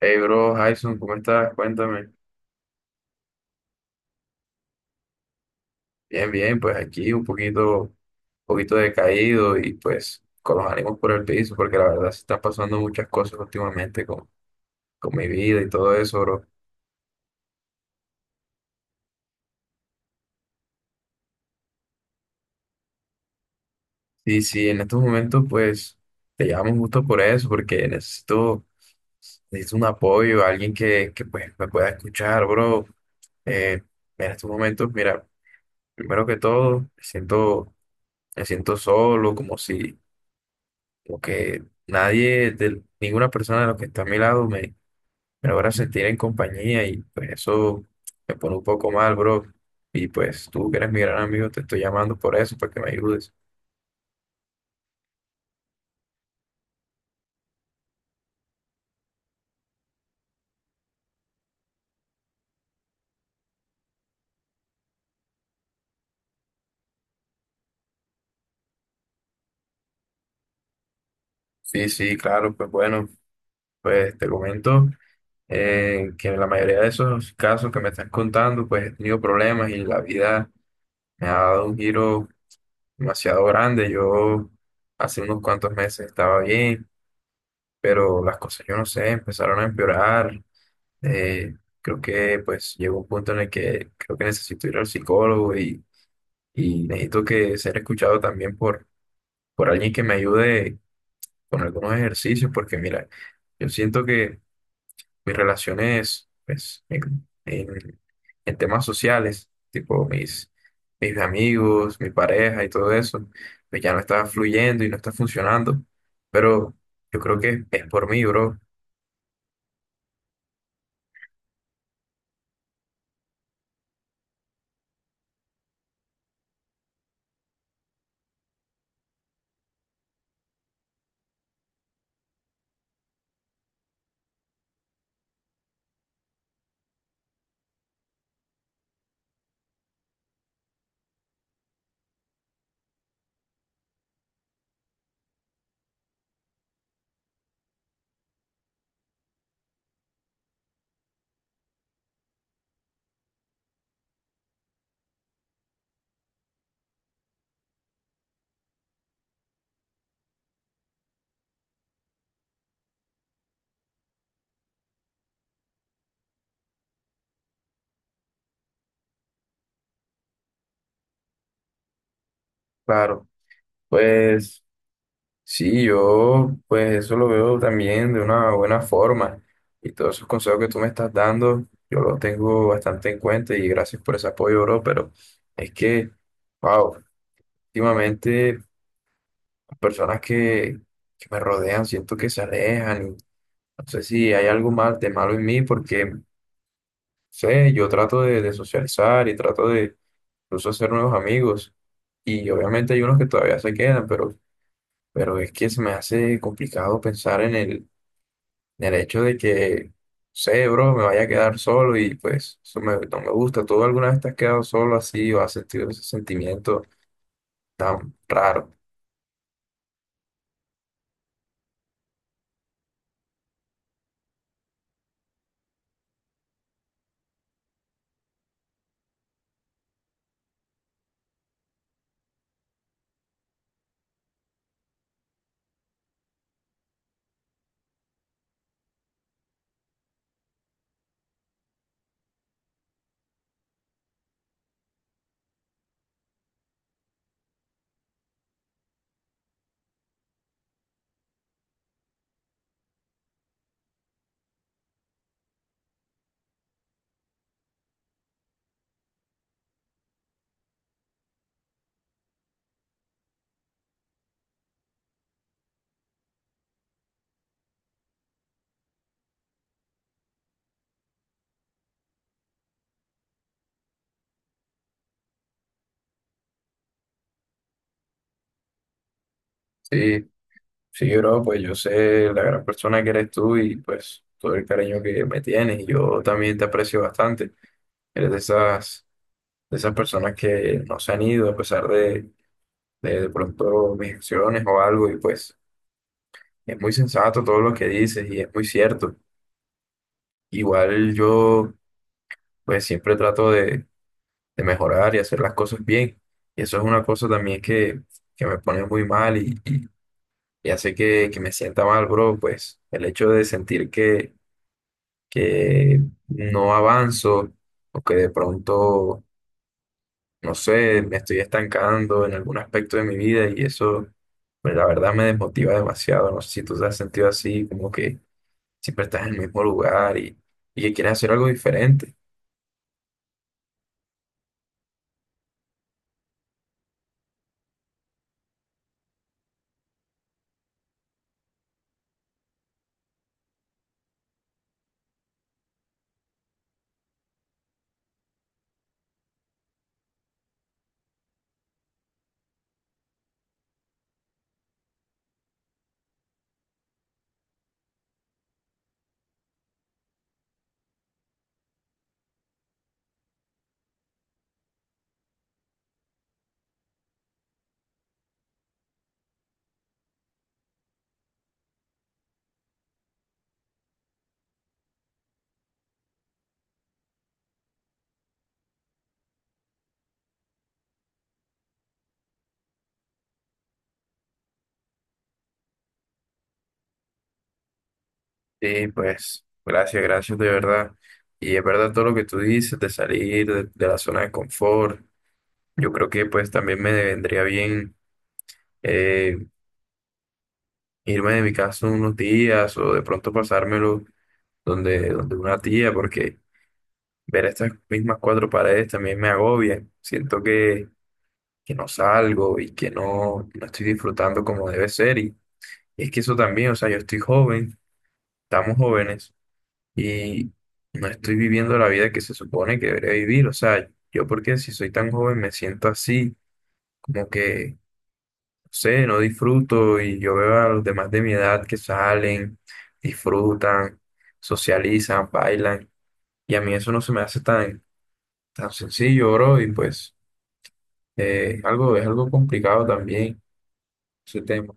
Hey, bro, Jason, ¿cómo estás? Cuéntame. Bien, bien, pues aquí un poquito decaído y pues con los ánimos por el piso, porque la verdad se están pasando muchas cosas últimamente con mi vida y todo eso, bro. Y sí, en estos momentos pues te llamo justo por eso, porque necesito un apoyo, alguien que pues me pueda escuchar, bro. Eh, en estos momentos, mira, primero que todo, me siento solo, como si porque nadie, de, ninguna persona de los que está a mi lado, me logra sentir en compañía y pues eso me pone un poco mal, bro. Y pues tú que eres mi gran amigo, te estoy llamando por eso, para que me ayudes. Sí, sí, claro, pues bueno, pues te comento que en la mayoría de esos casos que me estás contando, pues he tenido problemas y la vida me ha dado un giro demasiado grande. Yo hace unos cuantos meses estaba bien, pero las cosas, yo no sé, empezaron a empeorar. Eh, Creo que pues llegó un punto en el que creo que necesito ir al psicólogo y necesito que ser escuchado también por alguien que me ayude con algunos ejercicios, porque mira, yo siento que mis relaciones pues, en temas sociales, tipo mis amigos, mi pareja y todo eso, pues ya no está fluyendo y no está funcionando, pero yo creo que es por mí, bro. Claro, pues. Sí, yo pues eso lo veo también de una buena forma y todos esos consejos que tú me estás dando, yo los tengo bastante en cuenta y gracias por ese apoyo, bro, pero es que, wow, últimamente las personas que me rodean siento que se alejan y no sé si hay algo mal de malo en mí porque, no sé, yo trato de socializar y trato de incluso hacer nuevos amigos y obviamente hay unos que todavía se quedan, pero es que se me hace complicado pensar en el del hecho de que, sé, bro, me vaya a quedar solo y pues eso me- no me gusta. ¿Tú alguna vez te has quedado solo así o has sentido ese sentimiento tan raro? Sí, sí, bro, pues yo sé la gran persona que eres tú y pues todo el cariño que me tienes y yo también te aprecio bastante. Eres de esas personas que no se han ido a pesar de pronto mis acciones o algo y pues es muy sensato todo lo que dices y es muy cierto. Igual yo pues siempre trato de mejorar y hacer las cosas bien. Y eso es una cosa también que me pone muy mal y hace que me sienta mal, bro, pues el hecho de sentir que no avanzo o que de pronto, no sé, me estoy estancando en algún aspecto de mi vida y eso, pues, la verdad me desmotiva demasiado. No sé si tú te has sentido así, como que siempre estás en el mismo lugar, y que quieres hacer algo diferente. Sí, pues, gracias, gracias de verdad. Y es verdad todo lo que tú dices de salir de la zona de confort. Yo creo que pues también me vendría bien eh, irme de mi casa unos días o de pronto pasármelo donde una tía, porque ver estas mismas cuatro paredes también me agobia. Siento que no salgo y que no estoy disfrutando como debe ser. Y es que eso también, o sea, yo estoy joven, estamos jóvenes. Y no estoy viviendo la vida que se supone que debería vivir. O sea, yo porque si soy tan joven me siento así, como que, no sé, no disfruto y yo veo a los demás de mi edad que salen, disfrutan, socializan, bailan y a mí eso no se me hace tan sencillo, bro, y pues es algo complicado también ese tema.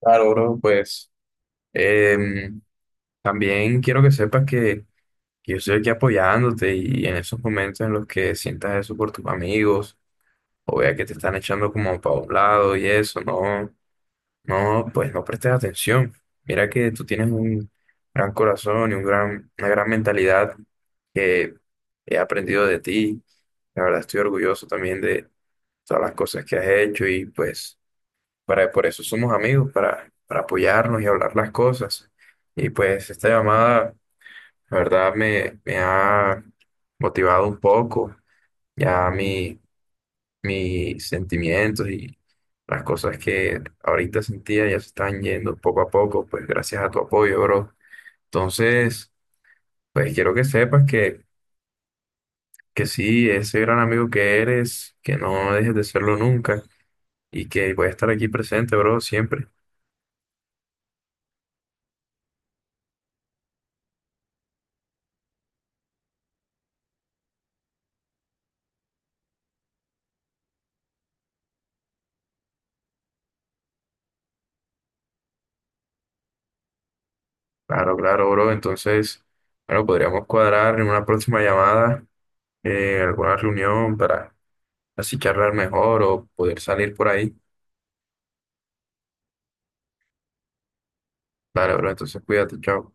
Claro, bro, pues em, también quiero que sepas que yo estoy aquí apoyándote y en esos momentos en los que sientas eso por tus amigos o vea que te están echando como para un lado y eso, no, no, pues no prestes atención. Mira que tú tienes un gran corazón y un una gran mentalidad que he aprendido de ti. La verdad estoy orgulloso también de todas las cosas que has hecho y pues... Para, por eso somos amigos, para apoyarnos y hablar las cosas. Y pues esta llamada, la verdad, me ha motivado un poco ya mis sentimientos y las cosas que ahorita sentía ya se están yendo poco a poco, pues gracias a tu apoyo, bro. Entonces, pues quiero que sepas que sí, ese gran amigo que eres, que no dejes de serlo nunca y que voy a estar aquí presente, bro, siempre. Claro, claro, bro. Entonces, bueno, podríamos cuadrar en una próxima llamada, alguna reunión para así charlar mejor o poder salir por ahí. Dale, bro. Entonces, cuídate, chao.